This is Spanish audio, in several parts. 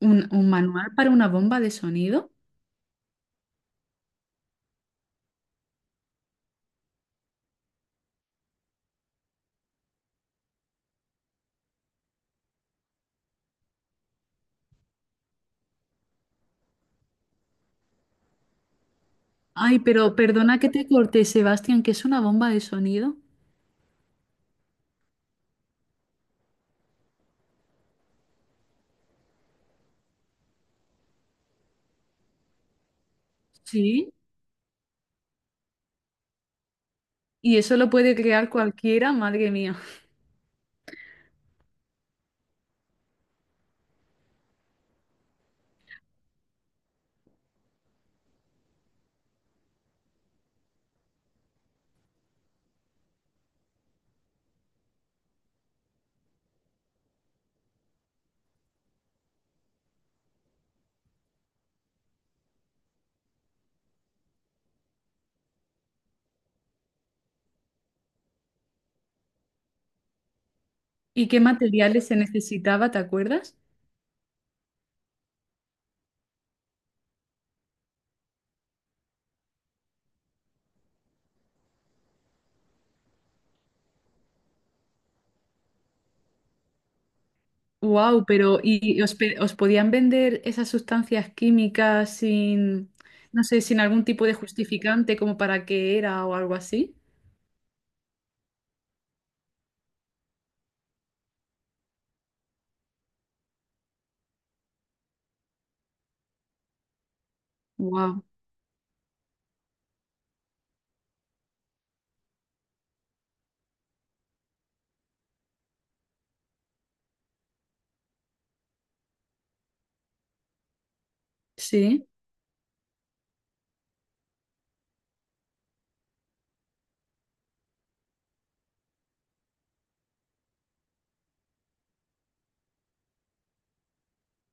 ¿Un manual para una bomba de sonido? Ay, pero perdona que te corté, Sebastián, ¿que es una bomba de sonido? Sí. Y eso lo puede crear cualquiera, madre mía. ¿Y qué materiales se necesitaba, te acuerdas? Wow, pero ¿y os podían vender esas sustancias químicas sin, no sé, sin algún tipo de justificante como para qué era o algo así? Wow, sí,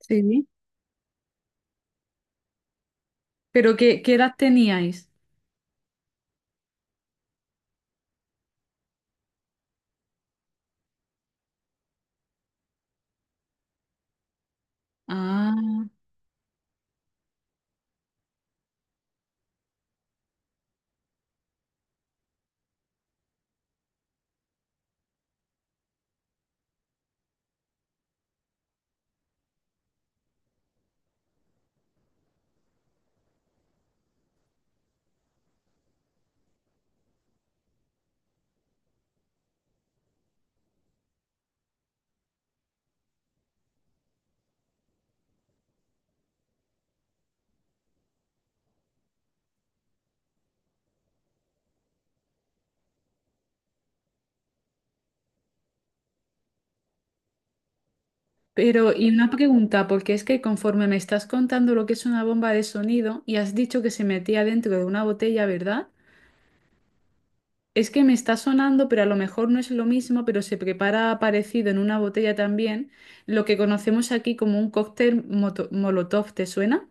sí. ¿Pero qué edad teníais? Ah. Pero y una pregunta, porque es que conforme me estás contando lo que es una bomba de sonido y has dicho que se metía dentro de una botella, ¿verdad? Es que me está sonando, pero a lo mejor no es lo mismo, pero se prepara parecido en una botella también, lo que conocemos aquí como un cóctel molotov, ¿te suena?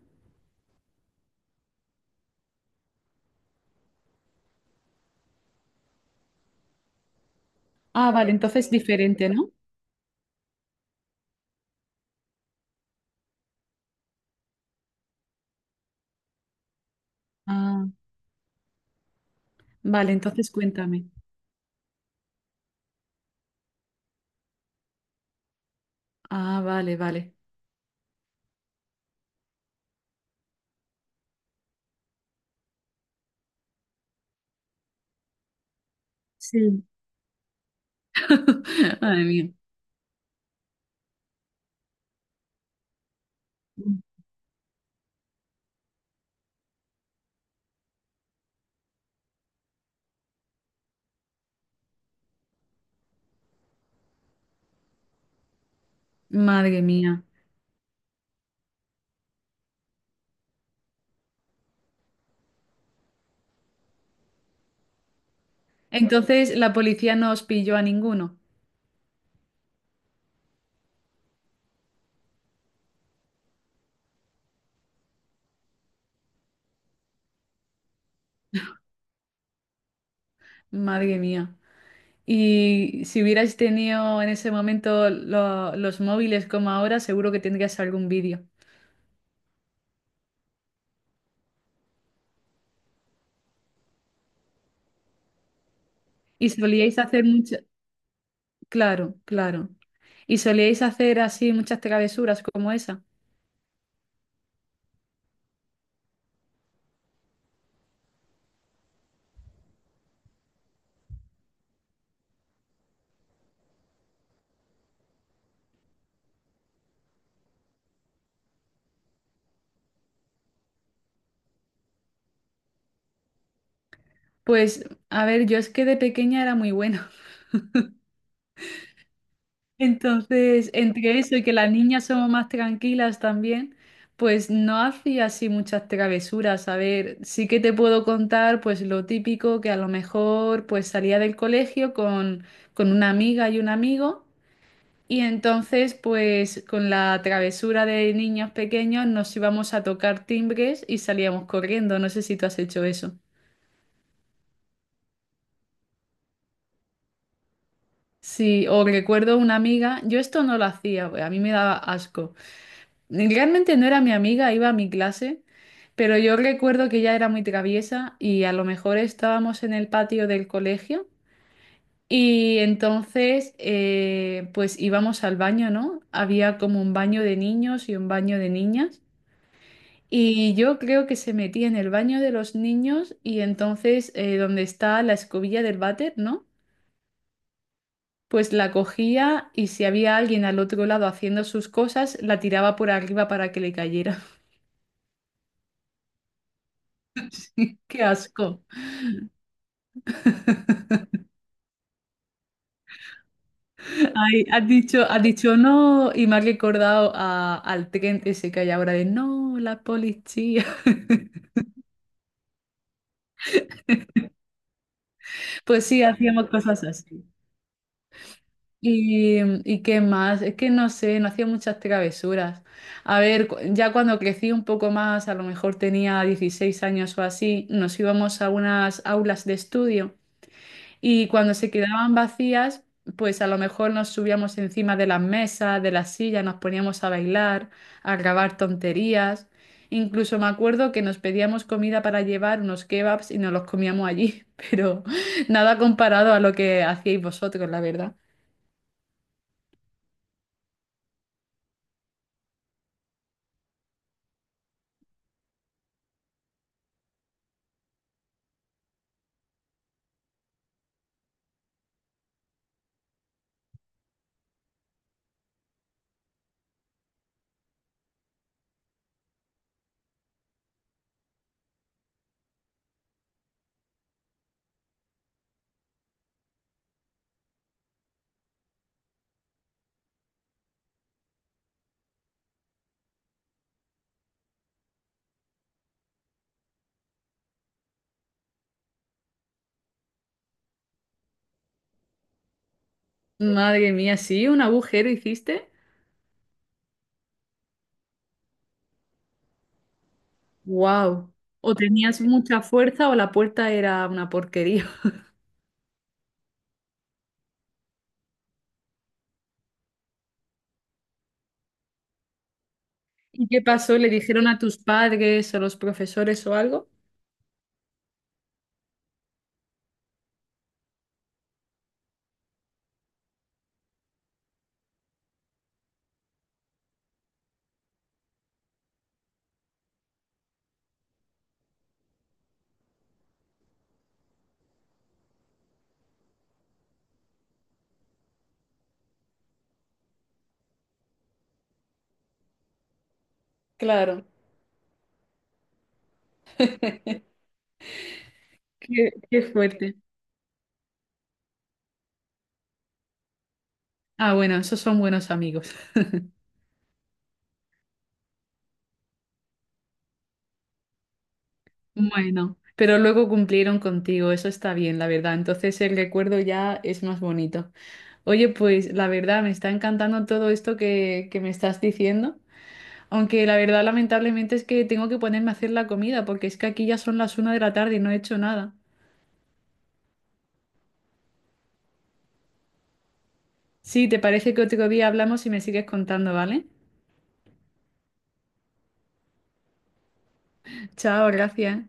Ah, vale. Correcto, entonces diferente, ¿no? Ah, vale, entonces cuéntame. Ah, vale, vale. Sí. Madre mía. Madre mía. Entonces la policía no os pilló a ninguno. Madre mía. Y si hubierais tenido en ese momento los móviles como ahora, seguro que tendrías algún vídeo. Y solíais hacer mucho, claro, claro. Y solíais hacer así muchas travesuras como esa. Pues, a ver, yo es que de pequeña era muy buena. Entonces, entre eso y que las niñas somos más tranquilas también, pues no hacía así muchas travesuras. A ver, sí que te puedo contar pues lo típico, que a lo mejor pues salía del colegio con una amiga y un amigo, y entonces pues con la travesura de niños pequeños nos íbamos a tocar timbres y salíamos corriendo. No sé si tú has hecho eso. Sí, o recuerdo una amiga, yo esto no lo hacía, a mí me daba asco. Realmente no era mi amiga, iba a mi clase, pero yo recuerdo que ella era muy traviesa y a lo mejor estábamos en el patio del colegio y entonces pues íbamos al baño, ¿no? Había como un baño de niños y un baño de niñas, y yo creo que se metía en el baño de los niños y entonces, donde está la escobilla del váter, ¿no? Pues la cogía y si había alguien al otro lado haciendo sus cosas, la tiraba por arriba para que le cayera. ¡Qué asco! Ay, has dicho no y me has recordado al tren ese que hay ahora de no, la policía. Pues sí, hacíamos cosas así. ¿Y, ¿y qué más? Es que no sé, no hacía muchas travesuras. A ver, ya cuando crecí un poco más, a lo mejor tenía 16 años o así, nos íbamos a unas aulas de estudio. Y cuando se quedaban vacías, pues a lo mejor nos subíamos encima de las mesas, de las sillas, nos poníamos a bailar, a grabar tonterías. Incluso me acuerdo que nos pedíamos comida para llevar unos kebabs y nos los comíamos allí, pero nada comparado a lo que hacíais vosotros, la verdad. Madre mía, ¿sí? ¿Un agujero hiciste? ¡Wow! O tenías mucha fuerza o la puerta era una porquería. ¿Y qué pasó? ¿Le dijeron a tus padres o los profesores o algo? Claro. Qué, qué fuerte. Ah, bueno, esos son buenos amigos. Bueno, pero luego cumplieron contigo, eso está bien, la verdad. Entonces el recuerdo ya es más bonito. Oye, pues la verdad me está encantando todo esto que me estás diciendo, aunque la verdad lamentablemente es que tengo que ponerme a hacer la comida, porque es que aquí ya son las una de la tarde y no he hecho nada. Sí, ¿te parece que otro día hablamos y me sigues contando, ¿vale? Chao, gracias.